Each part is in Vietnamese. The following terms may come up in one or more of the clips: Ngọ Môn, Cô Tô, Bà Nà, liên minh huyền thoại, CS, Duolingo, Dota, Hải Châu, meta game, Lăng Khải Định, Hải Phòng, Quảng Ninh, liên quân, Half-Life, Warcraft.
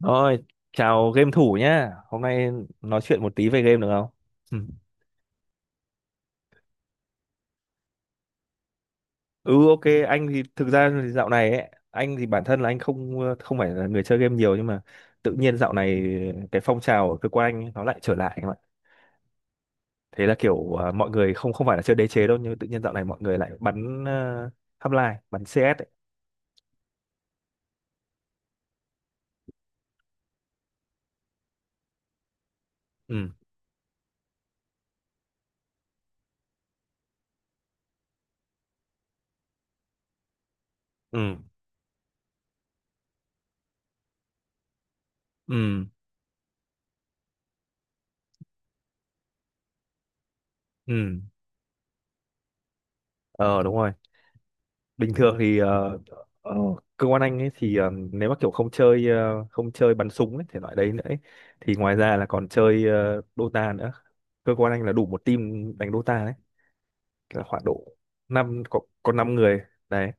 Rồi, chào game thủ nhá. Hôm nay nói chuyện một tí về game được không? Ừ, ừ, ok, anh thì thực ra thì dạo này ấy, anh thì bản thân là anh không không phải là người chơi game nhiều nhưng mà tự nhiên dạo này cái phong trào ở cơ quan anh ấy, nó lại trở lại em ạ. Thế là kiểu mọi người không không phải là chơi đế chế đâu nhưng tự nhiên dạo này mọi người lại bắn Half-Life, bắn CS ấy. Ừ, ừ, ừ, ừ. Ờ đúng rồi. Bình thường thì ờ, cơ quan anh ấy thì nếu mà kiểu không chơi không chơi bắn súng ấy, thể loại đấy nữa ấy, thì ngoài ra là còn chơi Dota nữa. Cơ quan anh là đủ một team đánh Dota đấy, là khoảng độ năm, có năm người đấy.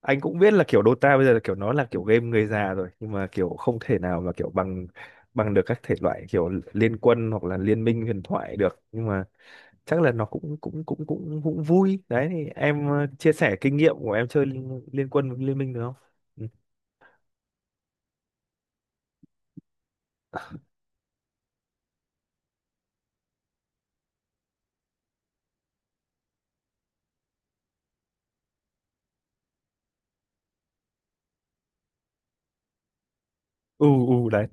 Anh cũng biết là kiểu Dota bây giờ là kiểu nó là kiểu game người già rồi nhưng mà kiểu không thể nào mà kiểu bằng bằng được các thể loại kiểu liên quân hoặc là liên minh huyền thoại được, nhưng mà chắc là nó cũng cũng cũng cũng cũng vui đấy. Thì em chia sẻ kinh nghiệm của em chơi liên quân với liên minh được không? Ừ, ừ, ừ, đấy.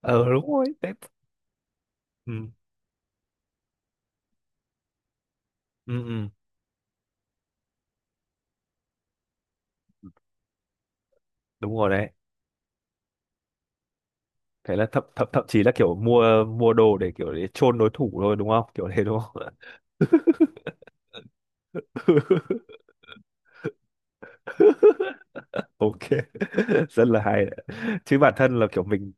Ờ đúng rồi đấy. Ừ, ừ, ừ, đúng rồi đấy. Thế là thậm thậm thậm chí là kiểu mua mua đồ để kiểu để chôn đối thủ thôi đúng không, kiểu thế đúng không. Ok, rất là hay đấy. Chứ bản thân là kiểu mình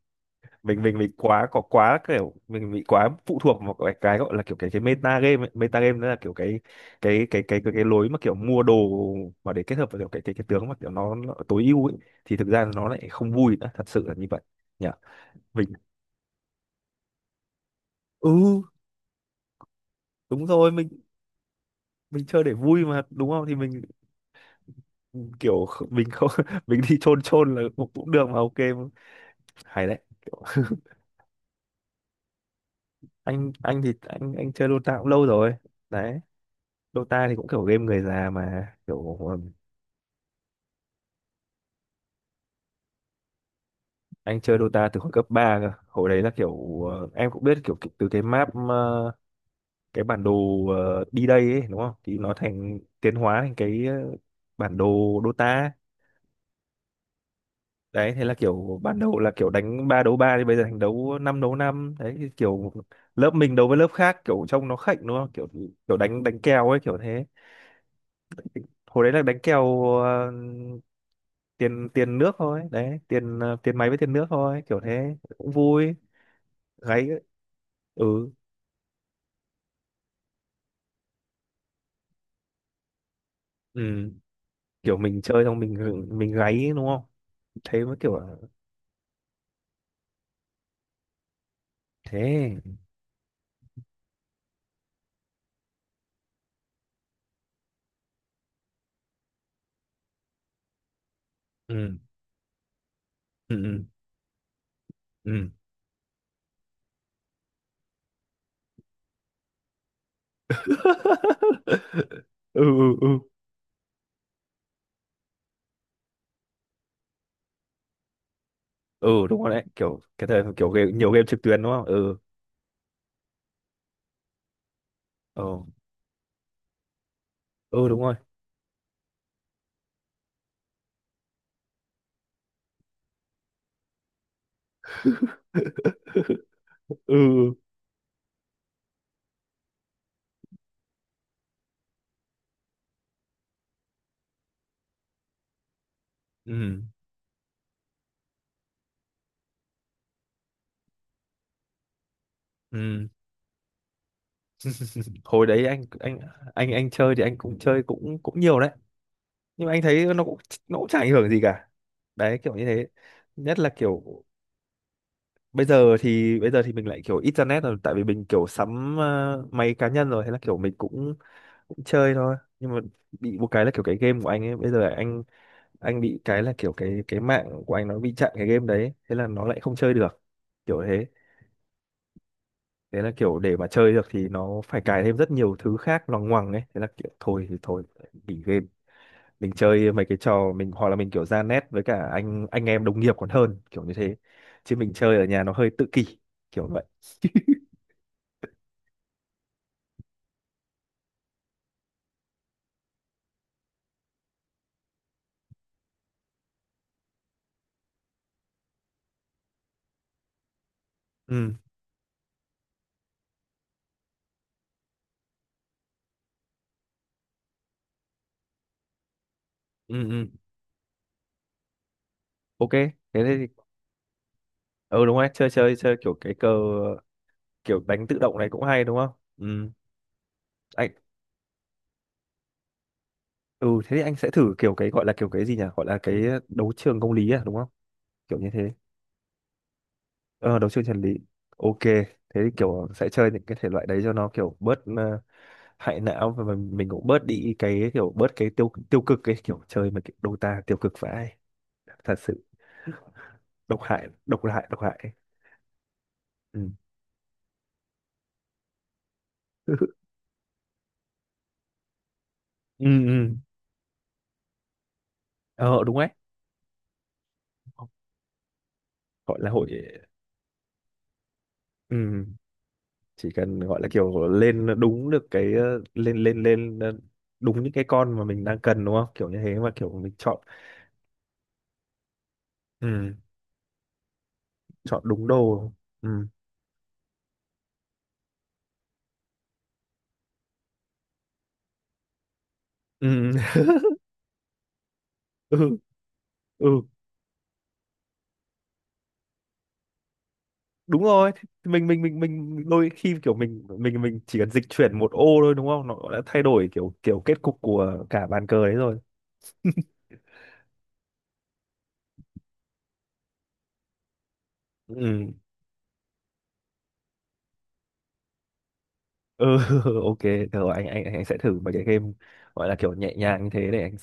mình mình mình quá có quá kiểu mình bị quá phụ thuộc vào cái gọi là kiểu cái meta game ấy. Meta game đó là kiểu cái lối mà kiểu mua đồ mà để kết hợp với kiểu cái tướng mà kiểu nó tối ưu ấy, thì thực ra nó lại không vui nữa, thật sự là như vậy nhỉ. Mình, ừ đúng rồi, mình chơi để vui mà đúng không, thì mình kiểu mình không, mình đi chôn chôn là cũng cũng được mà. Ok, hay đấy, kiểu, anh thì anh chơi Dota cũng lâu rồi đấy. Dota thì cũng kiểu game người già mà kiểu, anh chơi Dota từ hồi cấp 3 cơ. Hồi đấy là kiểu em cũng biết kiểu từ cái map cái bản đồ đi đây ấy đúng không, thì nó thành tiến hóa thành cái bản đồ Dota đấy. Thế là kiểu ban đầu là kiểu đánh ba đấu ba thì bây giờ thành đấu năm đấy, thì kiểu lớp mình đấu với lớp khác kiểu trông nó khệnh đúng không, kiểu kiểu đánh đánh kèo ấy kiểu thế. Hồi đấy là đánh kèo tiền tiền nước thôi đấy, tiền tiền máy với tiền nước thôi kiểu thế cũng vui. Gáy, ừ, ừ, kiểu mình chơi xong mình gáy đúng không, thế mới kiểu là thế. Ừ, ừ, ừ, ừ. Ừ, ừ, ừ, ừ, đúng rồi đấy, kiểu cái thời kiểu game, nhiều game trực tuyến đúng không. Ừ, ừ, ừ, đúng rồi. Ừ, ừ, ừ, hồi đấy anh chơi thì anh cũng chơi cũng cũng nhiều đấy, nhưng mà anh thấy nó cũng, nó cũng chả ảnh hưởng gì cả đấy, kiểu như thế. Nhất là kiểu bây giờ thì mình lại kiểu ít ra nét rồi, tại vì mình kiểu sắm máy cá nhân rồi, hay là kiểu mình cũng cũng chơi thôi, nhưng mà bị một cái là kiểu cái game của anh ấy bây giờ là anh bị cái là kiểu cái mạng của anh nó bị chặn cái game đấy, thế là nó lại không chơi được, kiểu thế. Thế là kiểu để mà chơi được thì nó phải cài thêm rất nhiều thứ khác loằng ngoằng ấy, thế là kiểu thôi thì thôi, nghỉ game. Mình chơi mấy cái trò mình, hoặc là mình kiểu ra net với cả anh em đồng nghiệp còn hơn kiểu như thế, chứ mình chơi ở nhà nó hơi tự kỷ, kiểu vậy. Ừ, ừ, ừ, ok, thế thì ừ đúng rồi, chơi chơi chơi kiểu cái cờ, kiểu đánh tự động này cũng hay đúng không. Ừ, anh, ừ thế thì anh sẽ thử kiểu cái gọi là kiểu cái gì nhỉ, gọi là cái đấu trường công lý à đúng không, kiểu như thế. Ờ đấu trường chân lý, ok, thế thì kiểu sẽ chơi những cái thể loại đấy cho nó kiểu bớt hại não, và mình cũng bớt đi cái kiểu bớt cái tiêu tiêu cực, cái kiểu chơi mà kiểu Dota tiêu cực vãi, thật sự. Độc hại, độc hại, độc hại. Ừ, ừ, ừ. Ờ đúng đấy, gọi là hội. Ừm, chỉ cần gọi là kiểu lên đúng được cái lên lên lên đúng những cái con mà mình đang cần đúng không, kiểu như thế mà kiểu mình chọn. Ừm, chọn đúng đồ. Ừm, ừm, ừ, ừ, đúng rồi. Thì mình mình đôi khi kiểu mình mình chỉ cần dịch chuyển một ô thôi đúng không, nó đã thay đổi kiểu kiểu kết cục của cả bàn cờ đấy rồi. Ừm, ừ, ok, rồi anh anh sẽ thử mấy cái game gọi là kiểu nhẹ nhàng như thế để anh,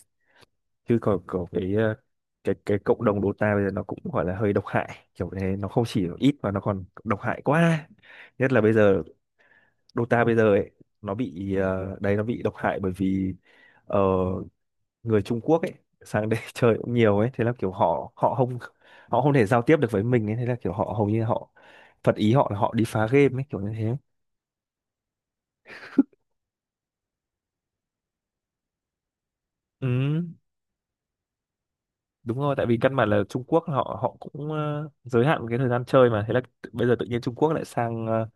chứ còn có cái cái cộng đồng Dota bây giờ nó cũng gọi là hơi độc hại, kiểu thế, nó không chỉ ít mà nó còn độc hại quá, nhất là bây giờ. Dota bây giờ ấy, nó bị đấy, nó bị độc hại bởi vì ờ, người Trung Quốc ấy sang đây chơi cũng nhiều ấy, thế là kiểu họ họ không, họ không thể giao tiếp được với mình ấy, thế là kiểu họ hầu như họ phật ý, họ là họ đi phá game ấy, kiểu như thế. Ừ đúng rồi, tại vì căn bản là Trung Quốc họ họ cũng giới hạn cái thời gian chơi mà, thế là bây giờ tự nhiên Trung Quốc lại sang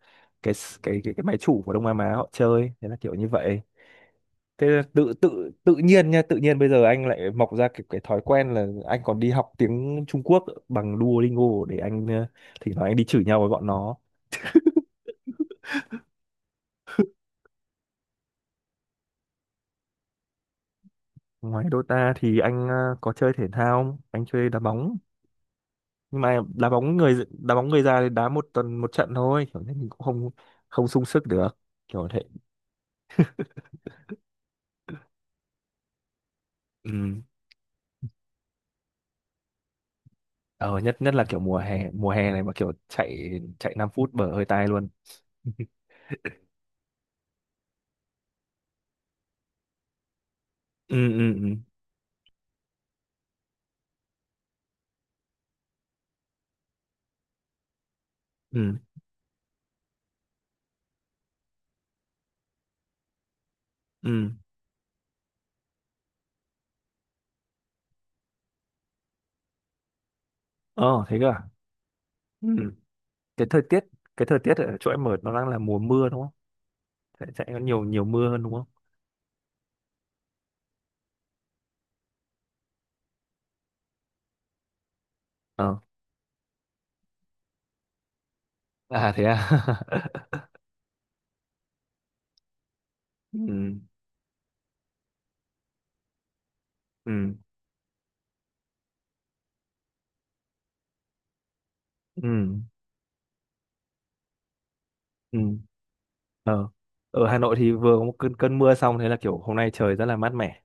cái máy chủ của Đông Nam Á họ chơi, thế là kiểu như vậy. Thế là tự tự tự nhiên nha, tự nhiên bây giờ anh lại mọc ra cái thói quen là anh còn đi học tiếng Trung Quốc bằng Duolingo để anh thỉnh thoảng anh đi chửi nhau với bọn nó. Ngoài Dota thì anh có chơi thể thao không? Anh chơi đá bóng, nhưng mà đá bóng người già thì đá một tuần một trận thôi, kiểu như mình cũng không không sung sức được, kiểu thế. Ừ. Ờ, nhất nhất là kiểu mùa hè này mà kiểu chạy chạy 5 phút bở hơi tai luôn. Ừ, ừ, ừ, ừ, ừ. Ờ thế cơ à. Ừ. Cái thời tiết cái thời tiết ở chỗ em ở nó đang là mùa mưa đúng không, chạy chạy có nhiều nhiều mưa hơn đúng không. Ờ, à thế à. Ừ, ừ, ừ, ừ. Ờ, ở Hà Nội thì vừa có một cơn cơn mưa xong, thế là kiểu hôm nay trời rất là mát mẻ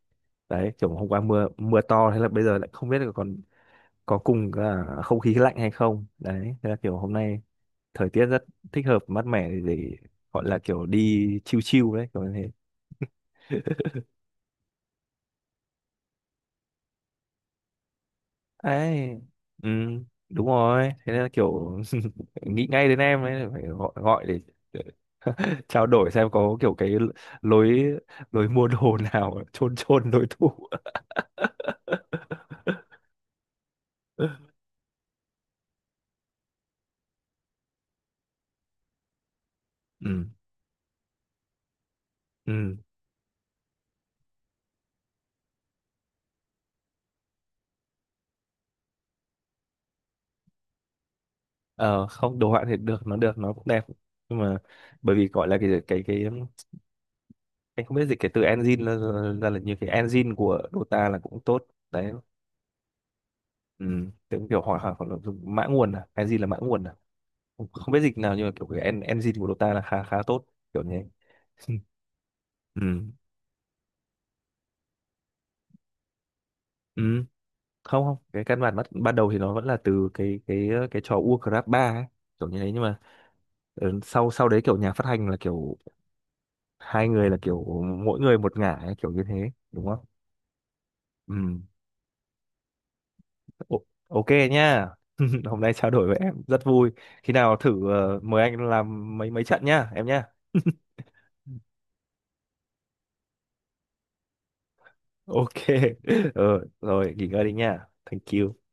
đấy, kiểu hôm qua mưa mưa to, thế là bây giờ lại không biết là còn có cùng cả không khí lạnh hay không đấy, thế là kiểu hôm nay thời tiết rất thích hợp, mát mẻ để gọi là kiểu đi chill chill đấy, kiểu như thế. Ấy, ừ, đúng rồi, thế nên là kiểu nghĩ ngay đến em ấy, phải gọi gọi để trao đổi xem có kiểu cái lối lối mua đồ nào chôn chôn đối thủ. Ừ, ừ. Ờ không, đồ họa thì được, nó được, nó cũng đẹp, nhưng mà bởi vì gọi là cái em không biết dịch cái từ engine ra, ra là như cái engine của Dota là cũng tốt đấy. Ừ. Tiếng kiểu hỏi hỏi hoặc là dùng mã nguồn à, cái gì là mã nguồn à, không không biết dịch nào, nhưng mà kiểu cái engine của Dota là khá khá tốt, kiểu như thế. Ừ. Ừ. Không không, cái căn bản ban đầu thì nó vẫn là từ cái trò Warcraft 3 ấy, kiểu như thế, nhưng mà ừ, sau sau đấy kiểu nhà phát hành là kiểu hai người là kiểu mỗi người một ngả ấy, kiểu như thế đúng không. Ừ. O- ok nhá. Hôm nay trao đổi với em rất vui, khi nào thử mời anh làm mấy mấy trận nhá em nhá. Ok, ờ, rồi nghỉ ngơi đi nha. Thank you.